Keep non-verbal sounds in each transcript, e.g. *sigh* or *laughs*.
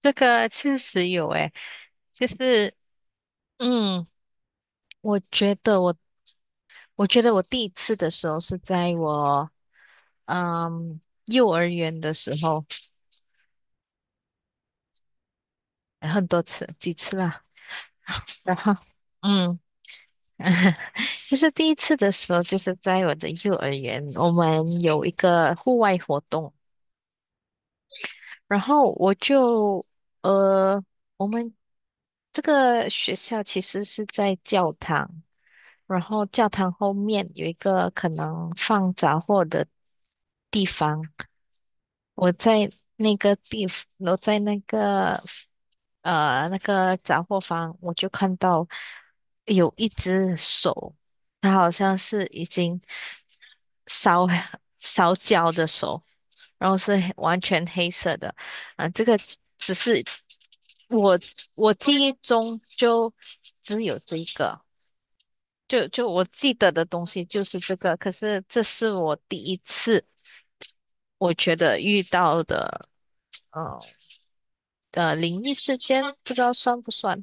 这个确实有诶，就是嗯，我觉得我，我觉得我第一次的时候是在我嗯幼儿园的时候。很多次，几次啦。然后嗯，*laughs* 就是第一次的时候，就是在我的幼儿园，我们有一个户外活动。然后我就呃，我们这个学校其实是在教堂。然后教堂后面有一个可能放杂货的地方。我在那个地，我在那个杂货房，我就看到有一只手。它好像是已经烧烧焦的手，然后是完全黑色的。啊、这个只是我我记忆中就只有这一个。就我记得的东西就是这个，可是这是我第一次我觉得遇到的呃灵异事件，不知道算不算？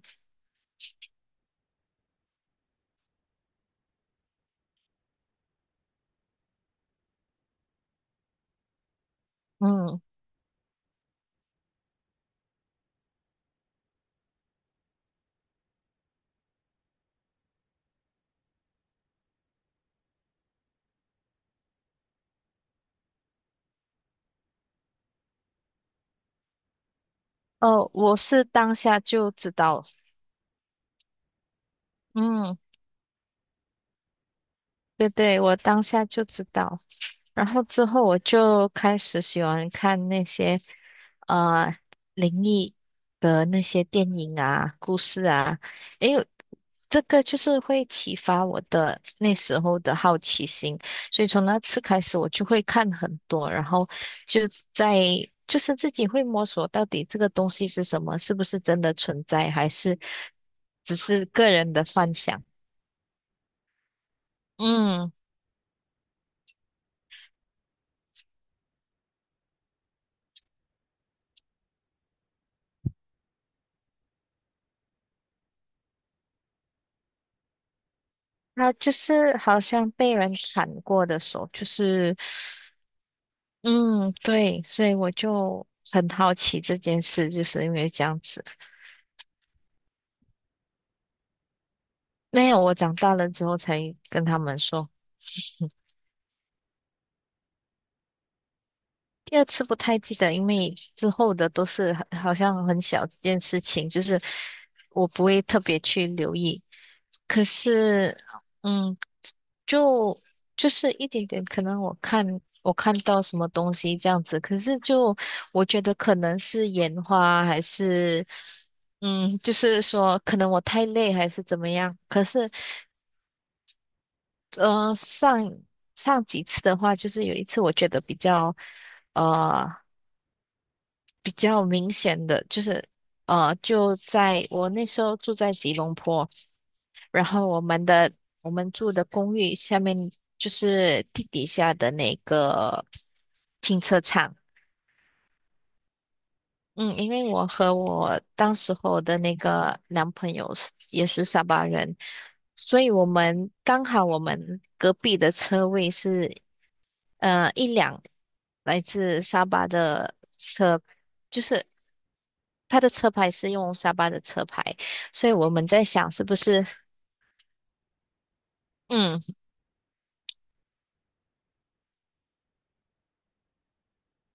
嗯，哦，我是当下就知道。嗯，对对，我当下就知道，然后之后我就开始喜欢看那些呃灵异的那些电影啊、故事啊。因为这个就是会启发我的那时候的好奇心，所以从那次开始我就会看很多，然后就在就是自己会摸索到底这个东西是什么，是不是真的存在，还是只是个人的幻想。嗯，那就是好像被人砍过的手，就是。嗯，对，所以我就很好奇这件事，就是因为这样子。没有，我长大了之后才跟他们说。第二次不太记得，因为之后的都是好好像很小这件事情，就是我不会特别去留意。可是，嗯，就就是一点点，可能我看到什么东西这样子。可是就我觉得可能是眼花，还是就是说可能我太累还是怎么样。可是，呃，上上几次的话，就是有一次我觉得比较呃比较明显的，就是就在我那时候住在吉隆坡。然后我们住的公寓下面就是地底下的那个停车场。嗯，因为我和我当时候的那个男朋友是也是沙巴人，所以我们刚好我们隔壁的车位是一辆来自沙巴的车。就是他的车牌是用沙巴的车牌，所以我们在想是不是。嗯，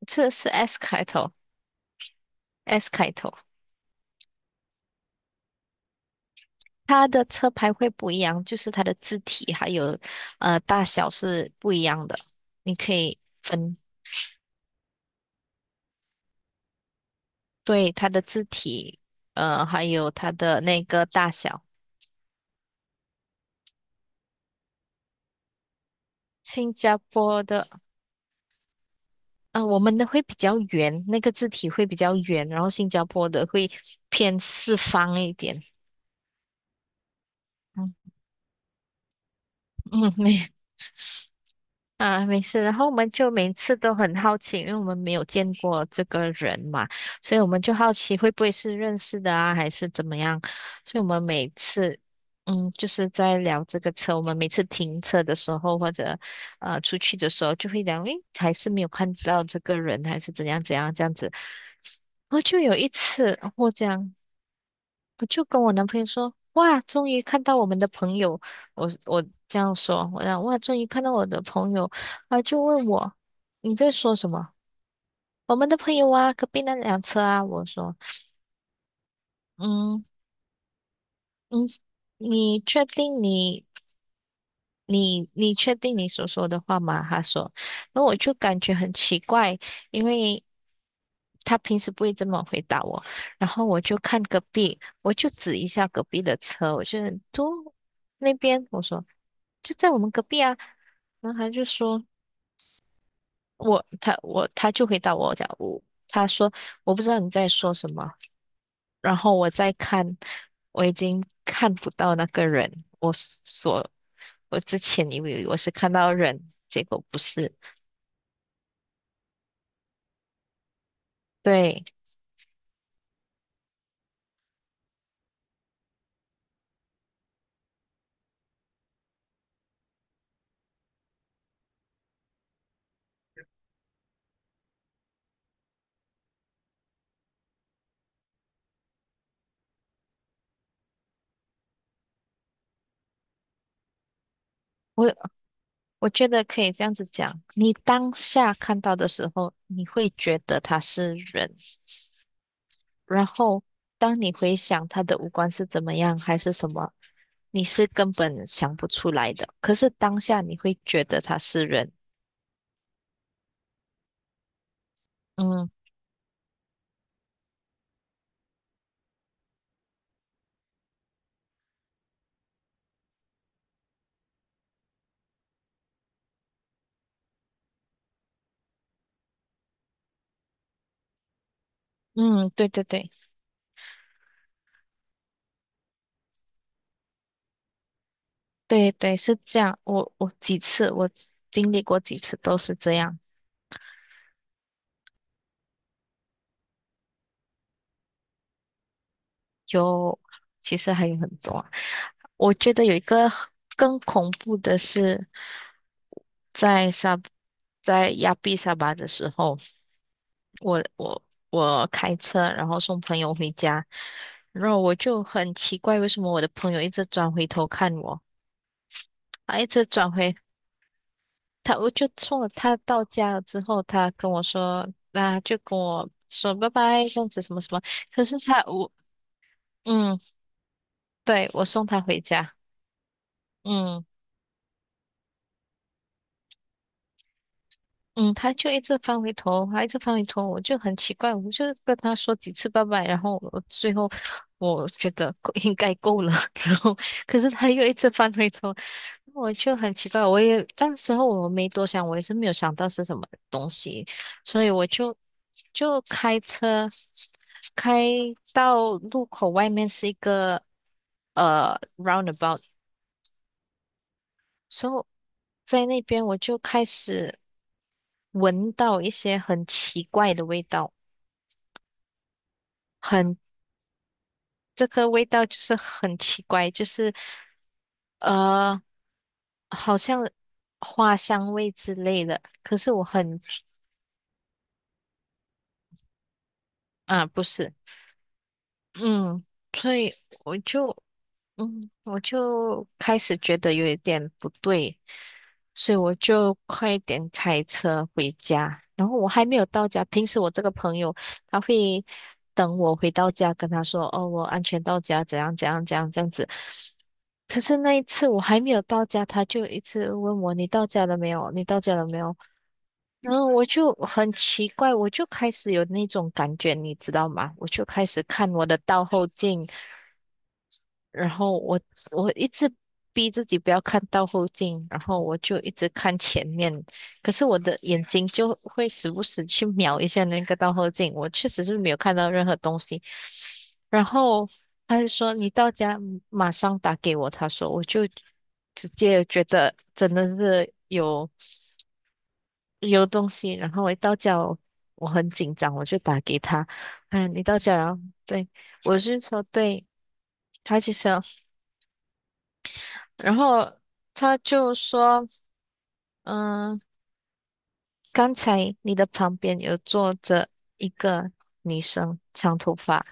这是 S 开头，S 开头。它的车牌会不一样，就是它的字体还有大小是不一样的。你可以分，对，它的字体，还有它的那个大小。新加坡的，呃，我们的会比较圆，那个字体会比较圆，然后新加坡的会偏四方一点。嗯嗯，没事。然后我们就每次都很好奇，因为我们没有见过这个人嘛，所以我们就好奇会不会是认识的啊，还是怎么样？所以我们每次，就是在聊这个车。我们每次停车的时候或者出去的时候，就会聊，诶，还是没有看到这个人，还是怎样怎样这样子。然后就有一次，我就跟我男朋友说，哇，终于看到我们的朋友。我这样说，我讲哇，终于看到我的朋友。啊，就问我你在说什么？我们的朋友啊，隔壁那辆车啊，我说。嗯嗯，你确定你你确定你所说的话吗？他说。那我就感觉很奇怪，因为他平时不会这么回答我。然后我就看隔壁，我就指一下隔壁的车，我就都那边，我说就在我们隔壁啊。然后他就说我他我他就回答我讲我他说我不知道你在说什么。然后我再看，我已经看不到那个人。我之前以为我是看到人，结果不是。对，我我觉得可以这样子讲，你当下看到的时候，你会觉得他是人。然后当你回想他的五官是怎么样，还是什么，你是根本想不出来的。可是当下你会觉得他是人。嗯嗯，对对对对对，是这样。我经历过几次都是这样。有，其实还有很多啊。我觉得有一个更恐怖的是，在沙在亚庇沙巴的时候，我我我开车，然后送朋友回家。然后我就很奇怪，为什么我的朋友一直转回头看我。他一直转回他，我就送了他到家了之后，他跟我说，那、就跟我说拜拜，这样子什么什么。可是他我嗯，对，我送他回家，嗯。嗯，他就一直翻回头，他一直翻回头，我就很奇怪，我就跟他说几次拜拜，然后我最后我觉得够应该够了，*laughs* 然后可是他又一直翻回头，我就很奇怪。我也当时候我没多想，我也是没有想到是什么东西，所以我就开车开到路口外面是一个roundabout。所以在那边我就开始闻到一些很奇怪的味道。很，这个味道就是很奇怪，就是呃，好像花香味之类的。可是我很，啊，不是。嗯，所以我就我就开始觉得有一点不对，所以我就快点开车回家。然后我还没有到家，平时我这个朋友他会等我回到家，跟他说："哦，我安全到家，怎样怎样怎样这样子。"可是那一次我还没有到家，他就一直问我："你到家了没有？你到家了没有？"然后我就很奇怪，我就开始有那种感觉，你知道吗？我就开始看我的倒后镜。然后我一直逼自己不要看到后镜，然后我就一直看前面。可是我的眼睛就会时不时去瞄一下那个倒后镜，我确实是没有看到任何东西。然后他就说你到家马上打给我，他说我就直接觉得真的是有东西。然后我一到家我很紧张，我就打给他。嗯，你到家然后对，我是说对，他就说。然后他就说，嗯，刚才你的旁边有坐着一个女生，长头发，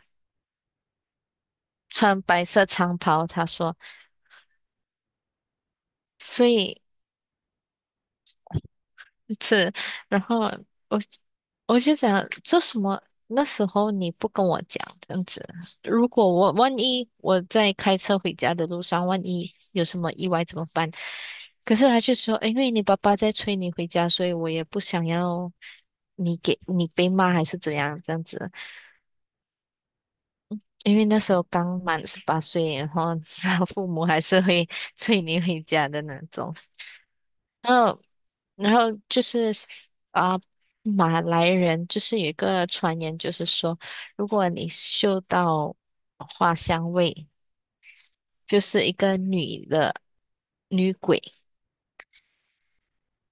穿白色长袍。他说，所以是，然后我我就想，这什么？那时候你不跟我讲这样子，如果我万一我在开车回家的路上，万一有什么意外怎么办？可是他就说，因为你爸爸在催你回家，所以我也不想要你给你被骂还是怎样这样子。因为那时候刚满18岁，然后 *laughs* 父母还是会催你回家的那种。然后，就是啊，马来人就是有一个传言，就是说，如果你嗅到花香味，就是一个女的女鬼。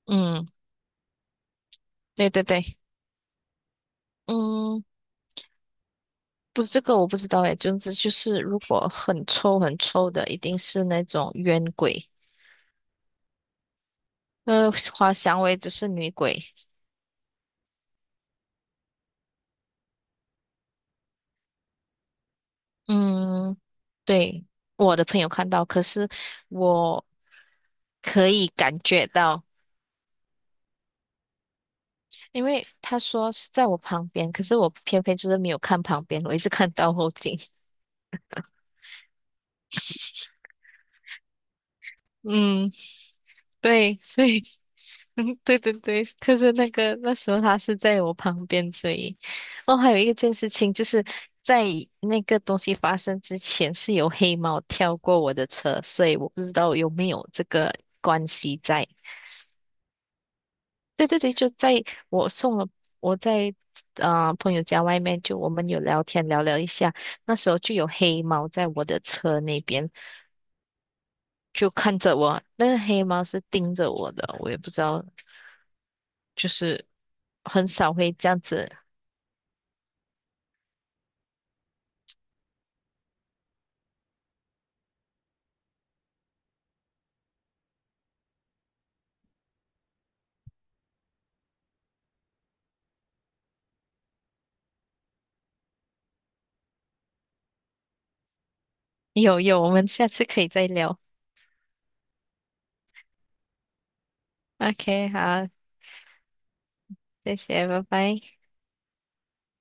嗯，对对对。嗯，不是，这个我不知道诶，总之就是如果很臭很臭的，一定是那种冤鬼。呃，滑翔尾只是女鬼。嗯，对，我的朋友看到，可是我可以感觉到。因为他说是在我旁边，可是我偏偏就是没有看旁边，我一直看到后颈。*laughs* 嗯，对，所以，*laughs* 嗯对对对，可是那时候他是在我旁边，所以。哦，还有一件事情就是在那个东西发生之前是有黑猫跳过我的车，所以我不知道有没有这个关系在。对对对，就在我送了我在啊朋友家外面，就我们有聊天聊聊一下。那时候就有黑猫在我的车那边就看着我，那个黑猫是盯着我的，我也不知道，就是很少会这样子。有有，我们下次可以再聊。OK,好，谢谢，拜拜。